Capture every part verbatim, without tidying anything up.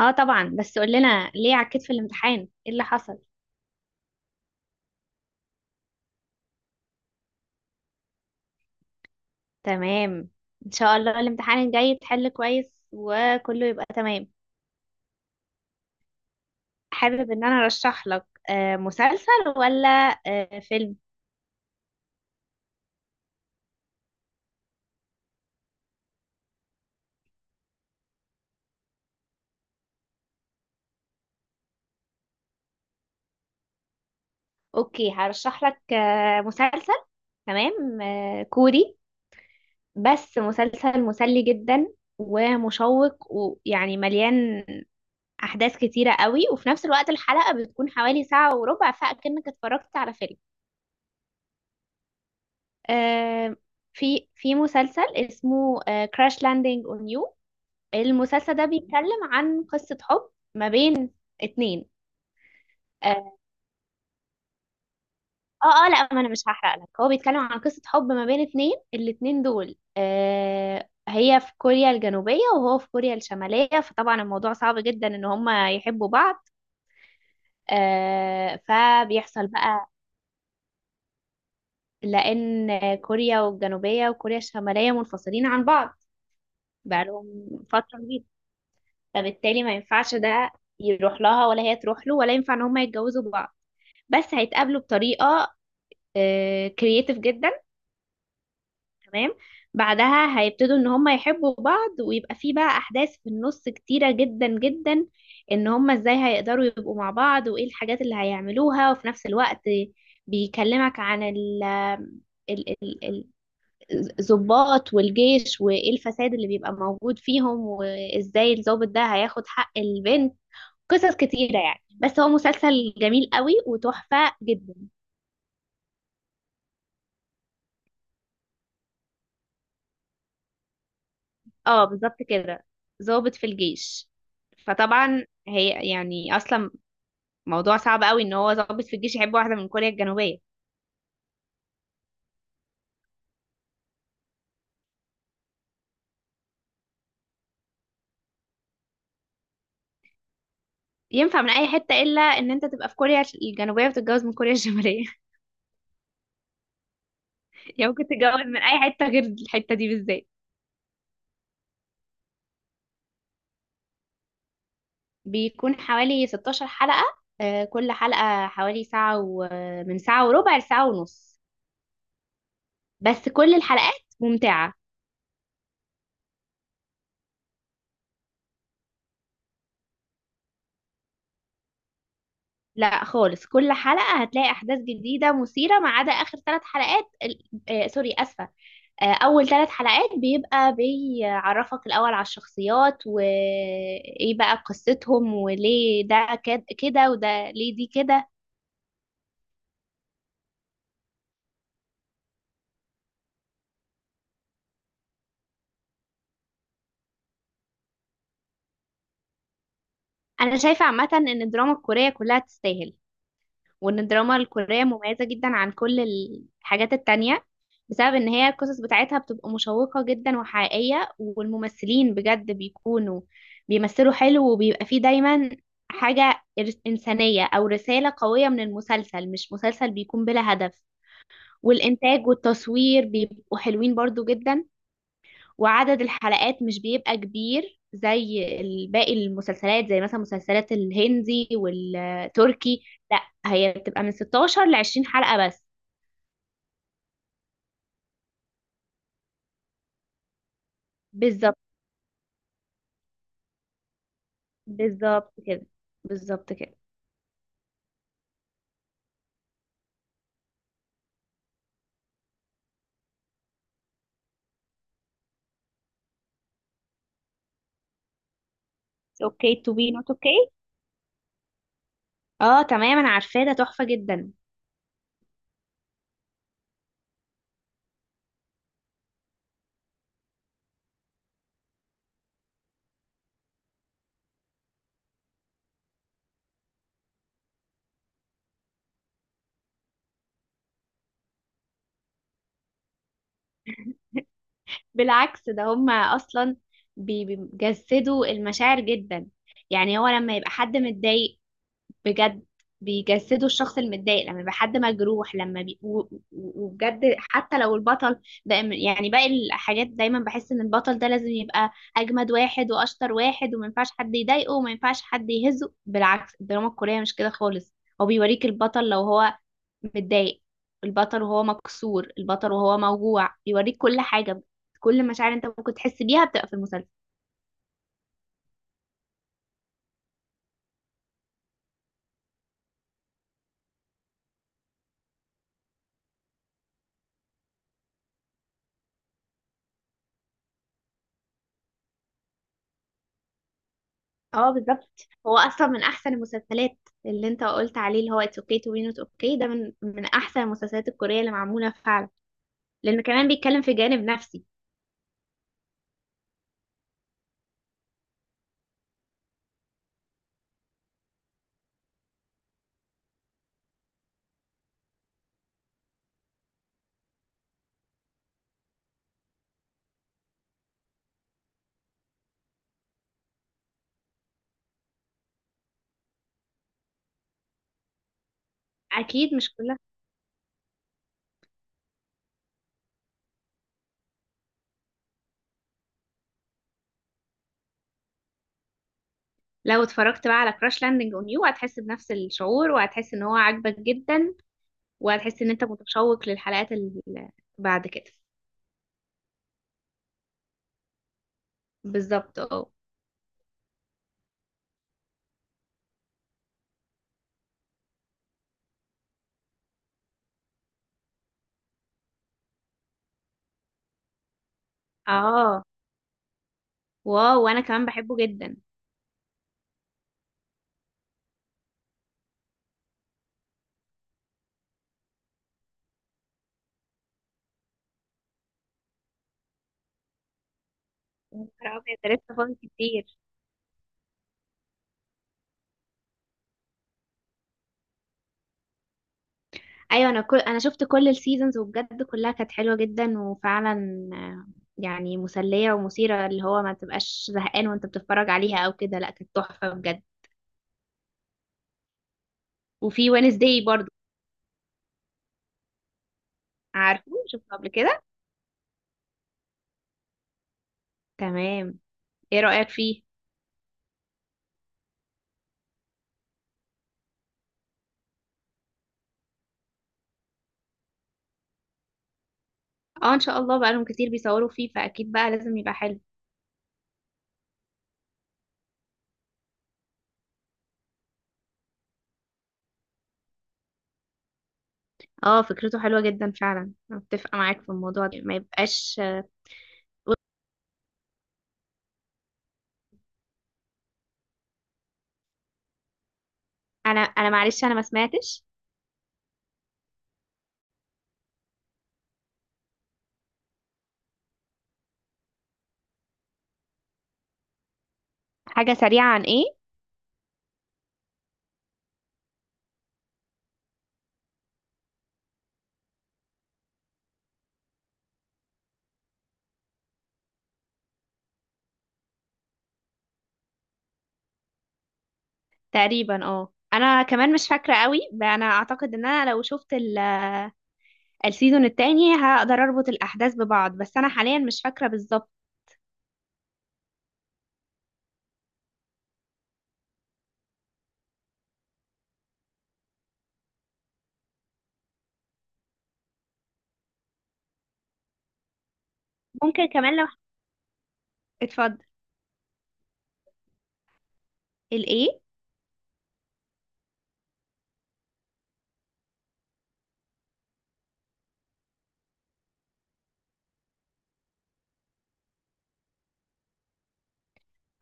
اه طبعا، بس قول لنا ليه عكيت في الامتحان؟ ايه اللي حصل؟ تمام. ان شاء الله الامتحان الجاي تحل كويس وكله يبقى تمام. حابب ان انا ارشح لك آه، مسلسل ولا آه، فيلم؟ اوكي، هرشح لك آه، مسلسل. تمام، آه، كوري. بس مسلسل مسلي جدا ومشوق، ويعني مليان احداث كتيرة قوي. وفي نفس الوقت الحلقة بتكون حوالي ساعة وربع، فاكنك اتفرجت على فيلم. آه، في في مسلسل اسمه كراش لاندنج اون يو. المسلسل ده بيتكلم عن قصة حب ما بين اتنين. اه اه آه، لا، ما انا مش هحرق لك. هو بيتكلم عن قصة حب ما بين اتنين. الاتنين دول آه هي في كوريا الجنوبية وهو في كوريا الشمالية، فطبعا الموضوع صعب جدا ان هما يحبوا بعض. آه، فبيحصل بقى. لان كوريا الجنوبية وكوريا الشمالية منفصلين عن بعض بقالهم فترة كبيرة، فبالتالي ما ينفعش ده يروح لها ولا هي تروح له، ولا ينفع ان هما يتجوزوا بعض. بس هيتقابلوا بطريقة كرييتيف جدا. تمام. بعدها هيبتدوا ان هما يحبوا بعض، ويبقى في بقى احداث في النص كتيرة جدا جدا، ان هما ازاي هيقدروا يبقوا مع بعض وايه الحاجات اللي هيعملوها. وفي نفس الوقت بيكلمك عن ال ال- ال- ال- الضباط والجيش، وايه الفساد اللي بيبقى موجود فيهم، وازاي الضابط ده هياخد حق البنت. قصص كتيرة يعني، بس هو مسلسل جميل قوي وتحفة جدا. اه بالظبط كده، ضابط في الجيش. فطبعا هي يعني اصلا موضوع صعب قوي ان هو ضابط في الجيش يحب واحدة من كوريا الجنوبية. ينفع من اي حتة الا ان انت تبقى في كوريا الجنوبية وتتجوز من كوريا الشمالية. يعني ممكن تتجوز من اي حتة غير الحتة دي بالذات. بيكون حوالي ستاشر حلقة. آه، كل حلقة حوالي ساعة و... من ساعة وربع لساعة ونص. بس كل الحلقات ممتعة. لا خالص، كل حلقة هتلاقي أحداث جديدة مثيرة ما عدا آخر ثلاث حلقات ال- آه سوري آسفة. آه، أول ثلاث حلقات بيبقى بيعرفك الأول على الشخصيات وإيه بقى قصتهم وليه ده كد- كده وده ليه دي كده. أنا شايفة عامة إن الدراما الكورية كلها تستاهل، وان الدراما الكورية مميزة جدا عن كل الحاجات التانية، بسبب ان هي القصص بتاعتها بتبقى مشوقة جدا وحقيقية، والممثلين بجد بيكونوا بيمثلوا حلو، وبيبقى فيه دايما حاجة إر- إنسانية أو رسالة قوية من المسلسل، مش مسلسل بيكون بلا هدف. والإنتاج والتصوير بيبقوا حلوين برضو جدا. وعدد الحلقات مش بيبقى كبير زي ال- باقي المسلسلات، زي مثلا مسلسلات الهندي والتركي. لا، هي بتبقى من ستاشر ل عشرين حلقة بس. بالظبط. بالظبط كده. بالظبط كده. اوكي تو بي نوت اوكي. اه تمام، انا عارفاه ده تحفة جدا. بالعكس، ده هما اصلا بي- بيجسدوا المشاعر جدا. يعني هو لما يبقى حد متضايق بجد بيجسدوا الشخص المتضايق، لما يبقى حد مجروح لما بي... و... و- وبجد، حتى لو البطل ده. يعني باقي الحاجات دايما بحس ان البطل ده لازم يبقى اجمد واحد واشطر واحد وما ينفعش حد يضايقه وما ينفعش حد يهزه. بالعكس، الدراما الكورية مش كده خالص. هو بيوريك البطل لو هو متضايق، البطل وهو مكسور، البطل وهو موجوع، بيوريك كل حاجة. كل مشاعر انت ممكن تحس بيها بتبقى في المسلسل. اه بالظبط. هو اصلا من احسن المسلسلات. اللي انت قلت عليه، اللي هو اتس اوكي تو بي نوت اوكي، ده من من احسن المسلسلات الكوريه اللي معموله فعلا، لان كمان بيتكلم في جانب نفسي. اكيد مش كلها. لو اتفرجت بقى على كراش لاندنج اون يو هتحس بنفس الشعور، وهتحس ان هو عاجبك جدا، وهتحس ان انت متشوق للحلقات اللي بعد كده. بالظبط اه. اه. واو، وانا كمان بحبه جدا. يا نهار أبيض، ده لسه فاضل كتير. ايوه، انا كل انا شفت كل السيزونز وبجد كلها كانت حلوه جدا وفعلا آه، يعني مسليه ومثيره، اللي هو ما تبقاش زهقان وانت بتتفرج عليها او كده. لا، كانت تحفه بجد. وفي وينزداي برضو. عارفه، شفته قبل كده. تمام. ايه رايك فيه؟ اه ان شاء الله، بقالهم كتير بيصوروا فيه، فاكيد بقى لازم يبقى حلو. اه فكرته حلوه جدا فعلا. انا متفقه معاك في الموضوع ده، ما يبقاش. انا انا معلش، انا ما سمعتش. حاجه سريعه عن ايه؟ تقريبا اه، انا كمان مش فاكره قوي. ب- انا اعتقد ان انا لو شفت السيزون التاني هقدر اربط الاحداث ببعض، بس انا حاليا مش فاكره بالظبط. ممكن كمان لو... اتفضل. الايه؟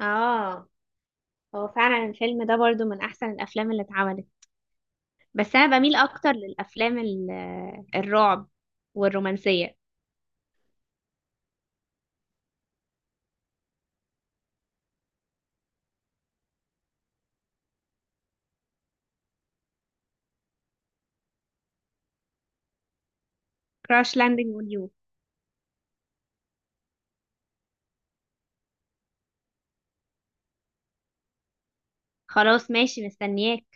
اه، هو فعلا الفيلم ده برضو من احسن الافلام اللي اتعملت. بس انا بميل اكتر للافلام ال- الرعب والرومانسيه. كراش لاندنج اون يو. خلاص ماشي، مستنياك.